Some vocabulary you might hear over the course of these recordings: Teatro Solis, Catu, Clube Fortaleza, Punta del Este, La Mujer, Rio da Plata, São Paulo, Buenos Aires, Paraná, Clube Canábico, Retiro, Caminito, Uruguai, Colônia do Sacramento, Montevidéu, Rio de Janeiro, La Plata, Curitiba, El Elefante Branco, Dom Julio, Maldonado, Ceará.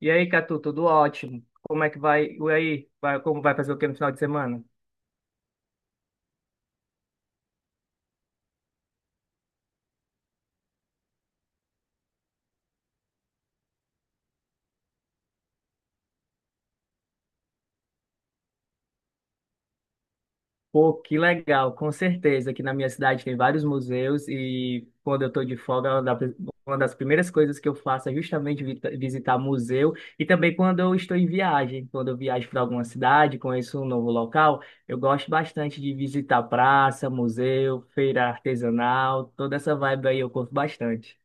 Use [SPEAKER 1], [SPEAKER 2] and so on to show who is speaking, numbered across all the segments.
[SPEAKER 1] E aí, Catu, tudo ótimo? Como é que vai? E aí, como vai fazer o que no final de semana? Pô, que legal, com certeza. Aqui na minha cidade tem vários museus e quando eu estou de folga, é uma das primeiras coisas que eu faço é justamente visitar museu e também quando eu estou em viagem. Quando eu viajo para alguma cidade, conheço um novo local, eu gosto bastante de visitar praça, museu, feira artesanal, toda essa vibe aí eu curto bastante.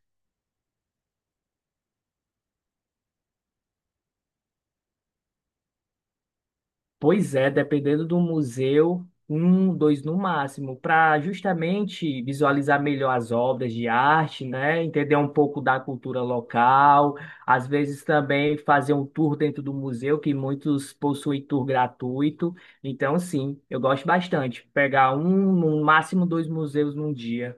[SPEAKER 1] Pois é, dependendo do museu, um, dois no máximo, para justamente visualizar melhor as obras de arte, né? Entender um pouco da cultura local, às vezes também fazer um tour dentro do museu, que muitos possuem tour gratuito. Então, sim, eu gosto bastante. Pegar um, no máximo dois museus num dia.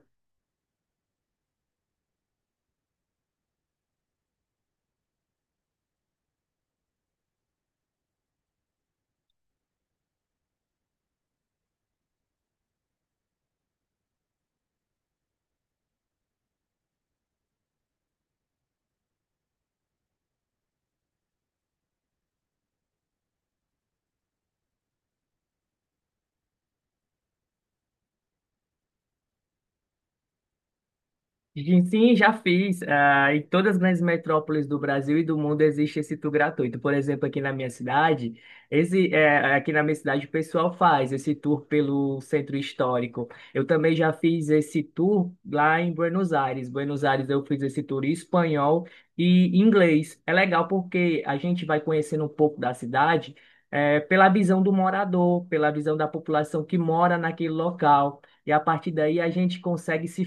[SPEAKER 1] Gente, sim, já fiz. Ah, em todas as grandes metrópoles do Brasil e do mundo existe esse tour gratuito. Por exemplo, aqui na minha cidade, aqui na minha cidade o pessoal faz esse tour pelo centro histórico. Eu também já fiz esse tour lá em Buenos Aires. Buenos Aires eu fiz esse tour em espanhol e inglês. É legal porque a gente vai conhecendo um pouco da cidade, pela visão do morador, pela visão da população que mora naquele local. E a partir daí a gente consegue se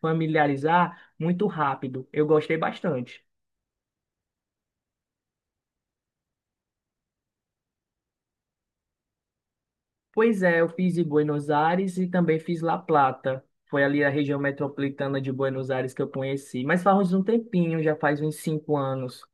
[SPEAKER 1] familiarizar muito rápido. Eu gostei bastante. Pois é, eu fiz em Buenos Aires e também fiz La Plata. Foi ali a região metropolitana de Buenos Aires que eu conheci. Mas faz um tempinho, já faz uns 5 anos.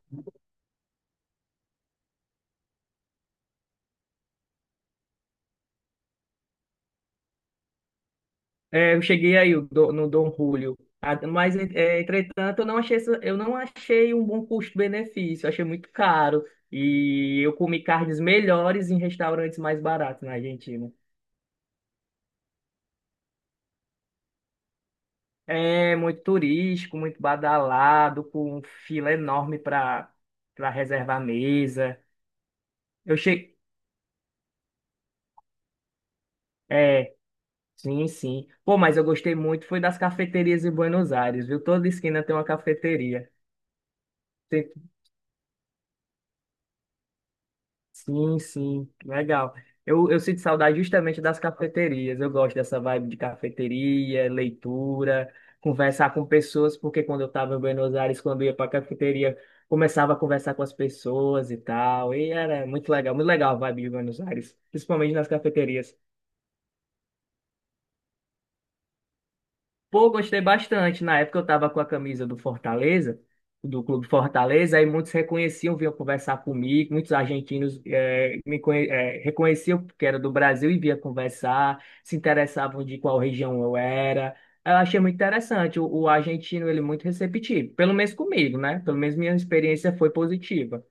[SPEAKER 1] É, eu cheguei aí no Dom Julio. Ah, mas, é, entretanto, eu não achei, eu não achei um bom custo-benefício. Eu achei muito caro. E eu comi carnes melhores em restaurantes mais baratos na Argentina. É muito turístico, muito badalado, com um fila enorme para reservar mesa. Eu cheguei. É, sim, sim. Pô, mas eu gostei muito, foi das cafeterias em Buenos Aires, viu? Toda esquina tem uma cafeteria. Sim, sim, legal. Eu sinto saudade justamente das cafeterias. Eu gosto dessa vibe de cafeteria, leitura, conversar com pessoas, porque quando eu estava em Buenos Aires, quando eu ia para a cafeteria, começava a conversar com as pessoas e tal. E era muito legal a vibe de Buenos Aires, principalmente nas cafeterias. Pô, gostei bastante. Na época eu tava com a camisa do Fortaleza, do Clube Fortaleza, aí muitos reconheciam, vinham conversar comigo, muitos argentinos reconheciam que era do Brasil e vinha conversar, se interessavam de qual região eu era. Eu achei muito interessante. O argentino, ele é muito receptivo, pelo menos comigo, né? Pelo menos minha experiência foi positiva.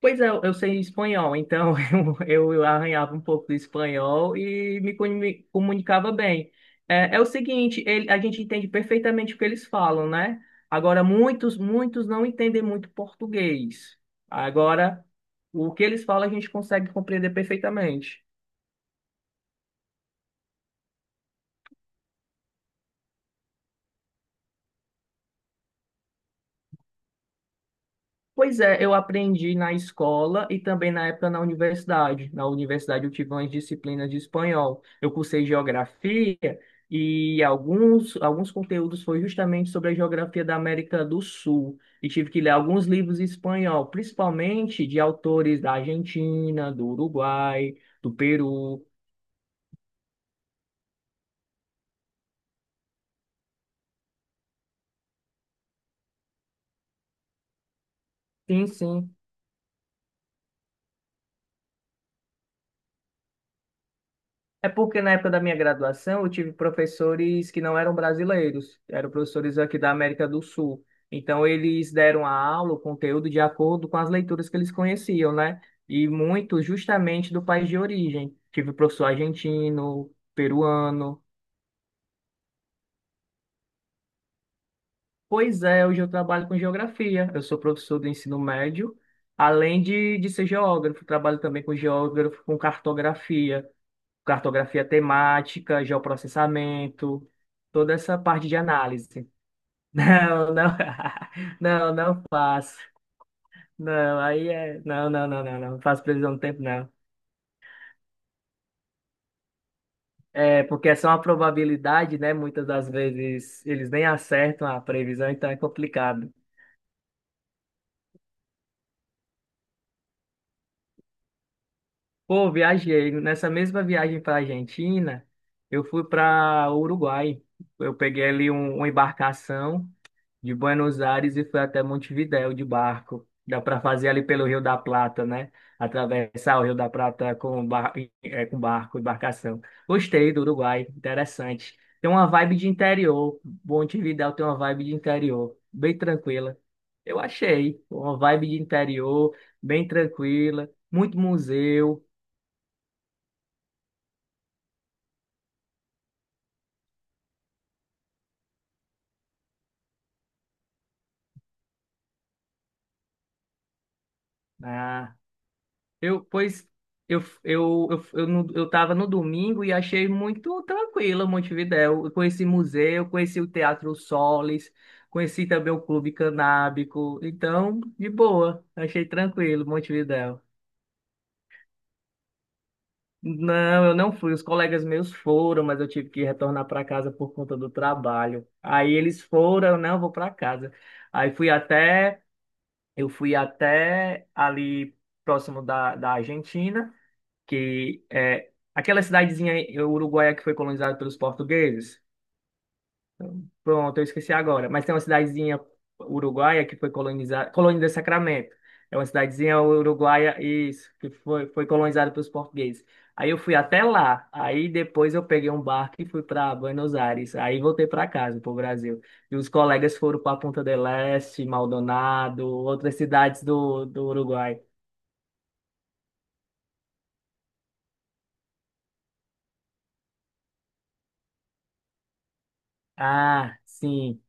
[SPEAKER 1] Pois é, eu sei espanhol, então eu arranhava um pouco do espanhol e me comunicava bem. É, é o seguinte, a gente entende perfeitamente o que eles falam, né? Agora, muitos não entendem muito português. Agora, o que eles falam a gente consegue compreender perfeitamente. Pois é, eu aprendi na escola e também na época na universidade. Na universidade eu tive umas disciplinas de espanhol. Eu cursei geografia e alguns conteúdos foi justamente sobre a geografia da América do Sul. E tive que ler alguns livros em espanhol, principalmente de autores da Argentina, do Uruguai, do Peru. Sim, sim. É porque na época da minha graduação eu tive professores que não eram brasileiros, eram professores aqui da América do Sul. Então eles deram a aula, o conteúdo de acordo com as leituras que eles conheciam, né? E muito justamente do país de origem. Tive professor argentino, peruano. Pois é, hoje eu trabalho com geografia. Eu sou professor do ensino médio, além de ser geógrafo, trabalho também com geógrafo, com cartografia. Cartografia temática, geoprocessamento, toda essa parte de análise. Não, não, não, não faço. Não, aí é. Não, não, não, não, não, não faço previsão do tempo, não. É, porque é só uma probabilidade, né? Muitas das vezes eles nem acertam a previsão, então é complicado. Pô, viajei. Nessa mesma viagem para Argentina, eu fui para Uruguai. Eu peguei ali uma embarcação de Buenos Aires e foi até Montevidéu de barco. Dá para fazer ali pelo Rio da Plata, né? Atravessar o Rio da Plata com barco, embarcação. Gostei do Uruguai, interessante. Tem uma vibe de interior. Montevidéu tem uma vibe de interior, bem tranquila. Eu achei uma vibe de interior, bem tranquila, muito museu, né? Eu, pois eu tava no domingo e achei muito tranquilo Montevidéu. Eu conheci museu, conheci o Teatro Solis, conheci também o Clube Canábico. Então, de boa, achei tranquilo Montevidéu. Não, eu não fui. Os colegas meus foram, mas eu tive que retornar para casa por conta do trabalho. Aí eles foram, eu não, vou para casa. Aí eu fui até ali próximo da Argentina, que é aquela cidadezinha uruguaia que foi colonizada pelos portugueses. Pronto, eu esqueci agora. Mas tem uma cidadezinha uruguaia que foi colonizada, Colônia do Sacramento. É uma cidadezinha uruguaia, isso, que foi colonizada pelos portugueses. Aí eu fui até lá. Aí depois eu peguei um barco e fui para Buenos Aires. Aí voltei para casa, para o Brasil. E os colegas foram para Punta del Este, Maldonado, outras cidades do Uruguai. Ah, sim.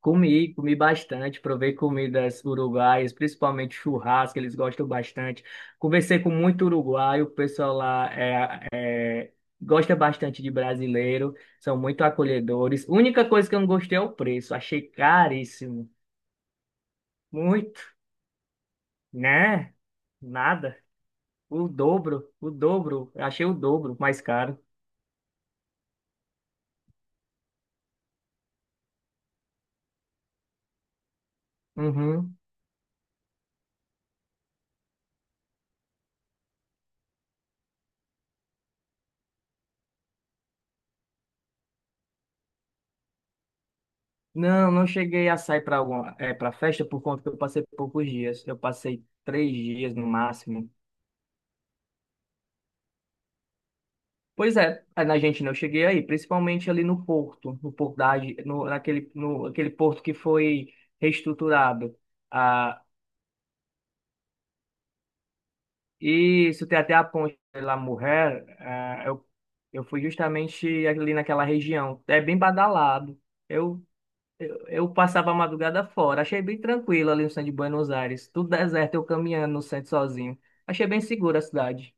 [SPEAKER 1] Comi, comi bastante, provei comidas uruguaias, principalmente churrasco, eles gostam bastante. Conversei com muito uruguaio, o pessoal lá gosta bastante de brasileiro, são muito acolhedores. Única coisa que eu não gostei é o preço, achei caríssimo, muito, né? Nada, o dobro, eu achei o dobro mais caro. Uhum. Não, não cheguei a sair para festa por conta que eu passei poucos dias, eu passei 3 dias no máximo. Pois é, aí na Argentina eu cheguei aí, principalmente ali no Porto, no Porto da, Arge- no, naquele, no, aquele porto que foi reestruturado. Ah, e isso tem até a ponte de La Mujer, ah, eu fui justamente ali naquela região. É bem badalado. Eu, eu passava a madrugada fora, achei bem tranquilo ali no centro de Buenos Aires. Tudo deserto, eu caminhando no centro sozinho. Achei bem segura a cidade.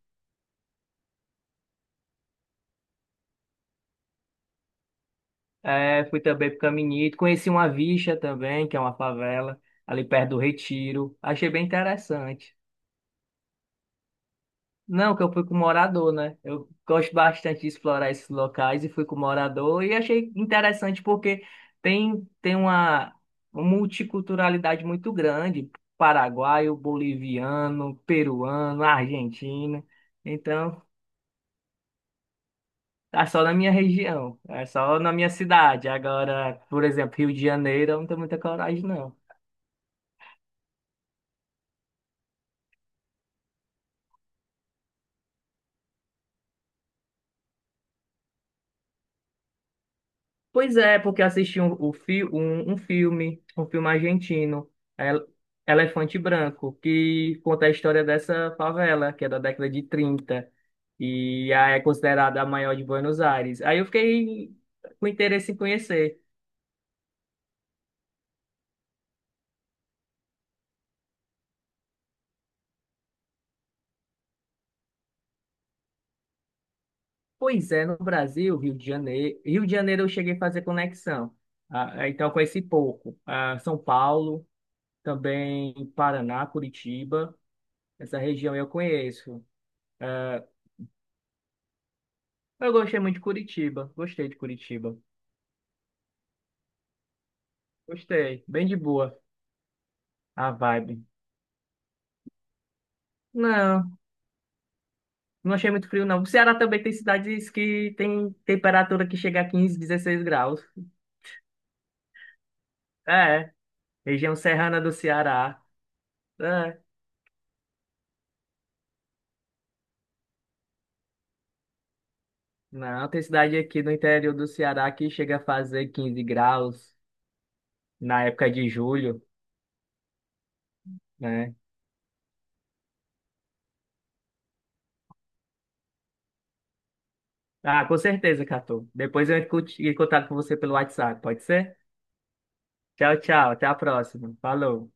[SPEAKER 1] É, fui também pro Caminito, conheci uma vicha também, que é uma favela, ali perto do Retiro. Achei bem interessante. Não, que eu fui com morador, né? Eu gosto bastante de explorar esses locais e fui com morador e achei interessante porque tem uma multiculturalidade muito grande, paraguaio, boliviano, peruano, argentino. Então, tá só na minha região, é só na minha cidade. Agora, por exemplo, Rio de Janeiro, eu não tenho muita coragem, não. Pois é, porque assisti um filme argentino, El- Elefante Branco, que conta a história dessa favela, que é da década de 30 e é considerada a maior de Buenos Aires. Aí eu fiquei com interesse em conhecer. Pois é, no Brasil, Rio de Janeiro eu cheguei a fazer conexão, ah, então eu conheci pouco. Ah, São Paulo, também Paraná, Curitiba, essa região eu conheço. Eu gostei muito de Curitiba, gostei de Curitiba. Gostei. Bem de boa a vibe. Não, não achei muito frio, não. O Ceará também tem cidades que tem temperatura que chega a 15, 16 graus. É, região serrana do Ceará. É. Não, tem cidade aqui no interior do Ceará que chega a fazer 15 graus na época de julho, né? Ah, com certeza, Catu. Depois eu entro em contato com você pelo WhatsApp, pode ser? Tchau, tchau. Até a próxima. Falou.